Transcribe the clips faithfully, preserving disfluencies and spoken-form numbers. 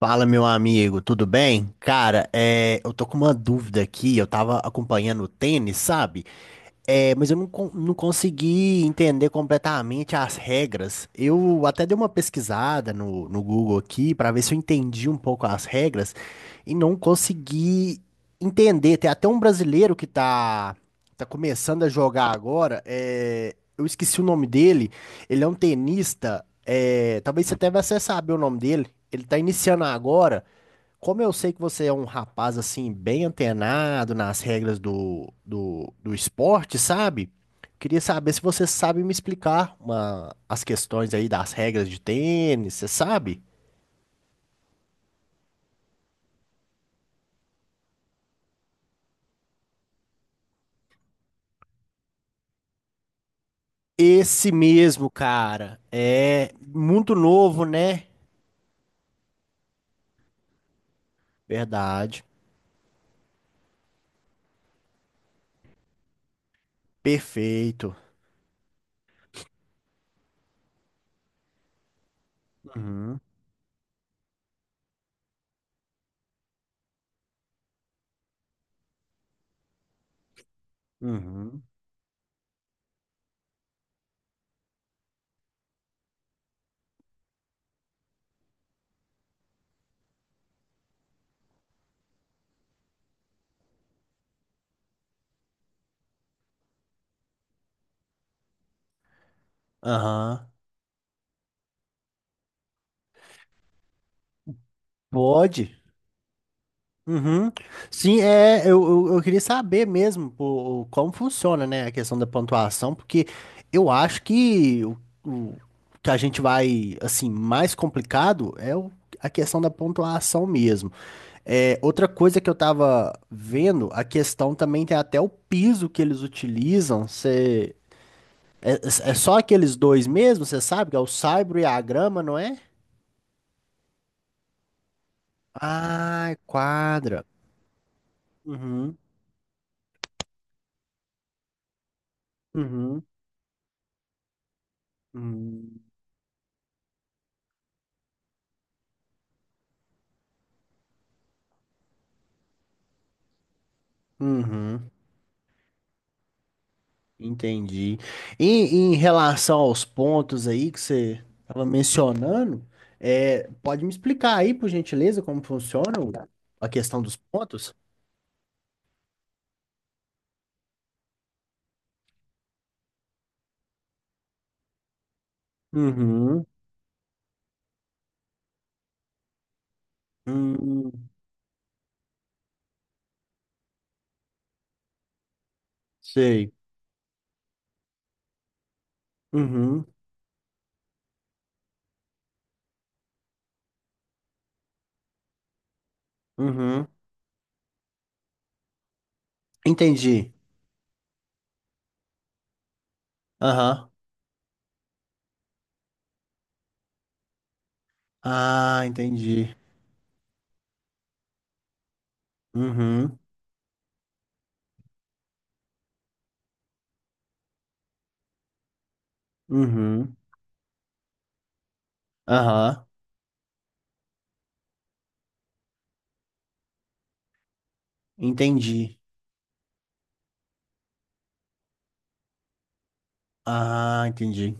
Fala, meu amigo, tudo bem? Cara, é, eu tô com uma dúvida aqui. Eu tava acompanhando o tênis, sabe? É, mas eu não, con- não consegui entender completamente as regras. Eu até dei uma pesquisada no, no Google aqui para ver se eu entendi um pouco as regras e não consegui entender. Tem até um brasileiro que tá, tá começando a jogar agora. É, eu esqueci o nome dele. Ele é um tenista. É, talvez você até vai saber o nome dele. Ele tá iniciando agora. Como eu sei que você é um rapaz assim, bem antenado nas regras do, do, do esporte, sabe? Queria saber se você sabe me explicar uma- as questões aí das regras de tênis, você sabe? Esse mesmo, cara, é muito novo, né? Verdade. Perfeito. Uhum, uhum. Aham. Pode. Uhum. Sim, é, eu, eu, eu queria saber mesmo pô, como funciona, né, a questão da pontuação, porque eu acho que o, o que a gente vai, assim, mais complicado é o- a questão da pontuação mesmo. É, outra coisa que eu tava vendo, a questão também tem até o piso que eles utilizam, cê, é, é é só aqueles dois mesmo, você sabe, que é o saibro e a grama, não é? Ah, quadra. Uhum, uhum, uhum. Uhum. Entendi. E em relação aos pontos aí que você estava mencionando, é, pode me explicar aí, por gentileza, como funciona o- a questão dos pontos? Uhum. Hum, sei. Uhum. Uhum. Entendi. Aham. Ah, entendi. Uhum. Uhum. Aham. Entendi. Ah, entendi.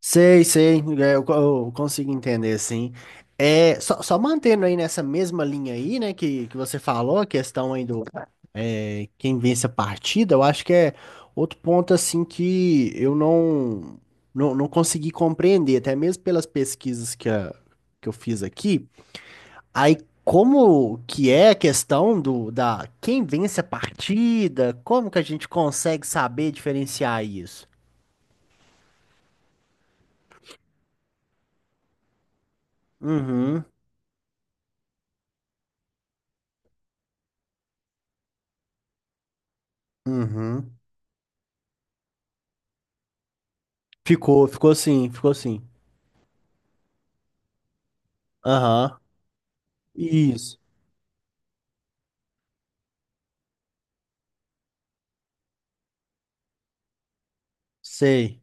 Sei, sei, é, eu, co- eu consigo entender, sim. É, só, só mantendo aí nessa mesma linha aí, né, que, que você falou, a questão aí do é, quem vence a partida, eu acho que é outro ponto, assim, que eu não, não, não consegui compreender, até mesmo pelas pesquisas que, a- que eu fiz aqui. Aí, como que é a questão do, da quem vence a partida, como que a gente consegue saber diferenciar isso? Uhum, uhum. Ficou, ficou assim, ficou assim. Aham. Isso. Sei.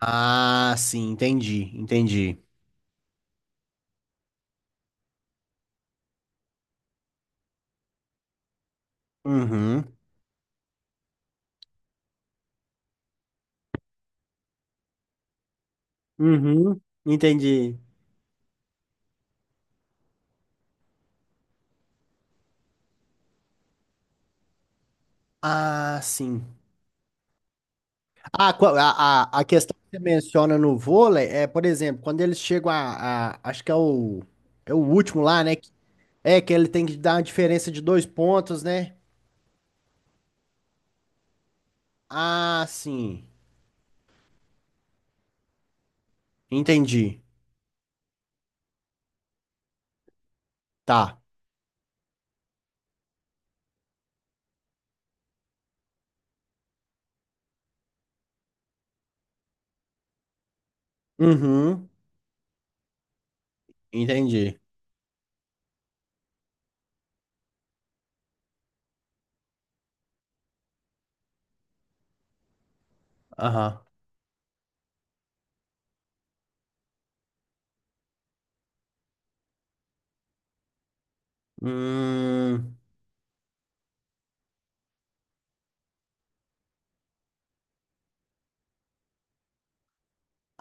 Ah, sim, entendi, entendi. Uhum. Uhum. Entendi. Ah, sim. Ah, qua- a, a, a questão que você menciona no vôlei é, por exemplo, quando eles chegam a, a- acho que é o, é o último lá, né? que- É que ele tem que dar uma diferença de dois pontos, né? Ah, sim. Entendi. Tá. Uhum. Entendi. Aham. Hum.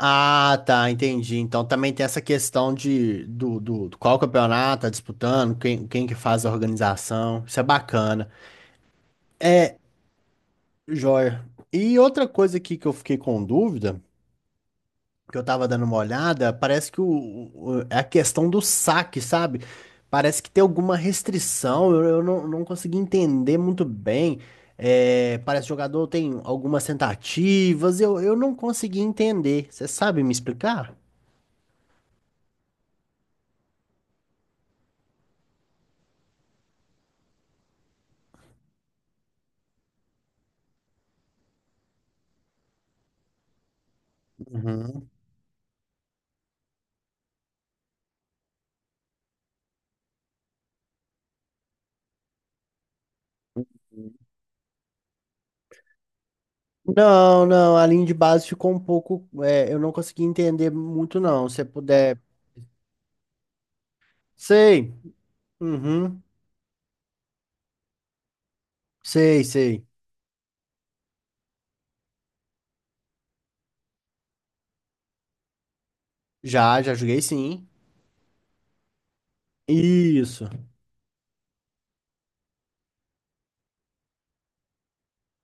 Ah, tá, entendi. Então também tem essa questão de do, do, do qual campeonato tá disputando, quem, quem que faz a organização. Isso é bacana. É, joia. E outra coisa aqui que eu fiquei com dúvida, que eu tava dando uma olhada, parece que o, o- o- é a questão do saque, sabe? Parece que tem alguma restrição, eu, eu não, não consegui entender muito bem. É, parece que o jogador tem algumas tentativas, eu, eu não consegui entender. Você sabe me explicar? Não, não, a linha de base ficou um pouco. É, eu não consegui entender muito, não. Se você puder. Sei. Uhum. Sei, sei. Já, já joguei sim. Isso.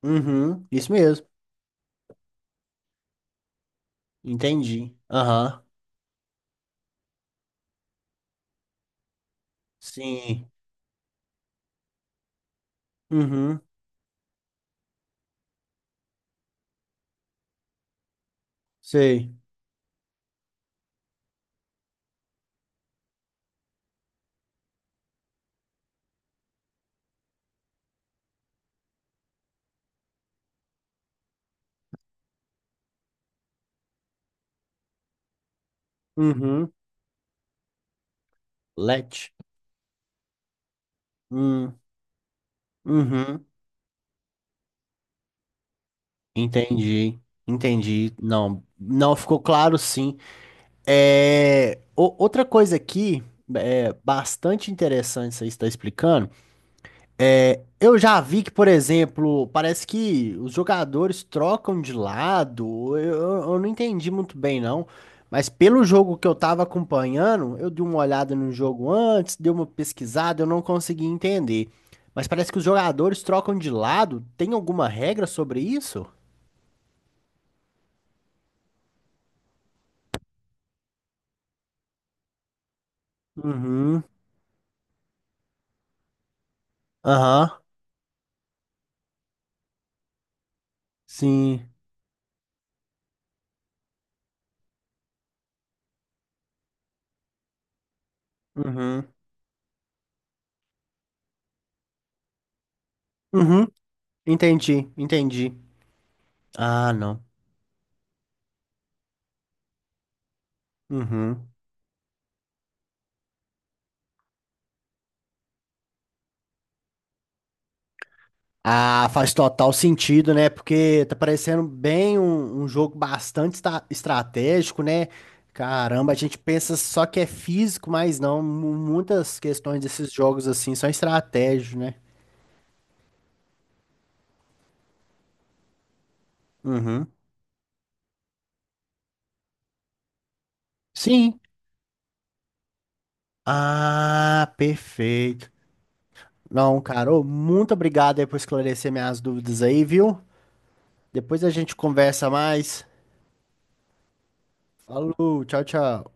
Uhum. Isso mesmo. Entendi. Aham. Sim. Uhum. Sei. Uhum. Let. Hum. Uhum. Entendi. Entendi. Não, não ficou claro, sim. É, o- outra coisa aqui, é bastante interessante, você está explicando. É, eu já vi que, por exemplo, parece que os jogadores trocam de lado. Eu, eu não entendi muito bem, não. Mas pelo jogo que eu tava acompanhando, eu dei uma olhada no jogo antes, dei uma pesquisada, eu não consegui entender. Mas parece que os jogadores trocam de lado. Tem alguma regra sobre isso? Uhum. Aham. Sim. Uhum. Uhum. Entendi, entendi. Ah, não. Uhum. Ah, faz total sentido, né? Porque tá parecendo bem um, um jogo bastante esta- estratégico, né? Caramba, a gente pensa só que é físico, mas não. mu- Muitas questões desses jogos assim são estratégicos, né? Uhum. Sim. Ah, perfeito. Não, cara, ô, muito obrigado aí por esclarecer minhas dúvidas aí, viu? Depois a gente conversa mais. Falou, tchau, tchau.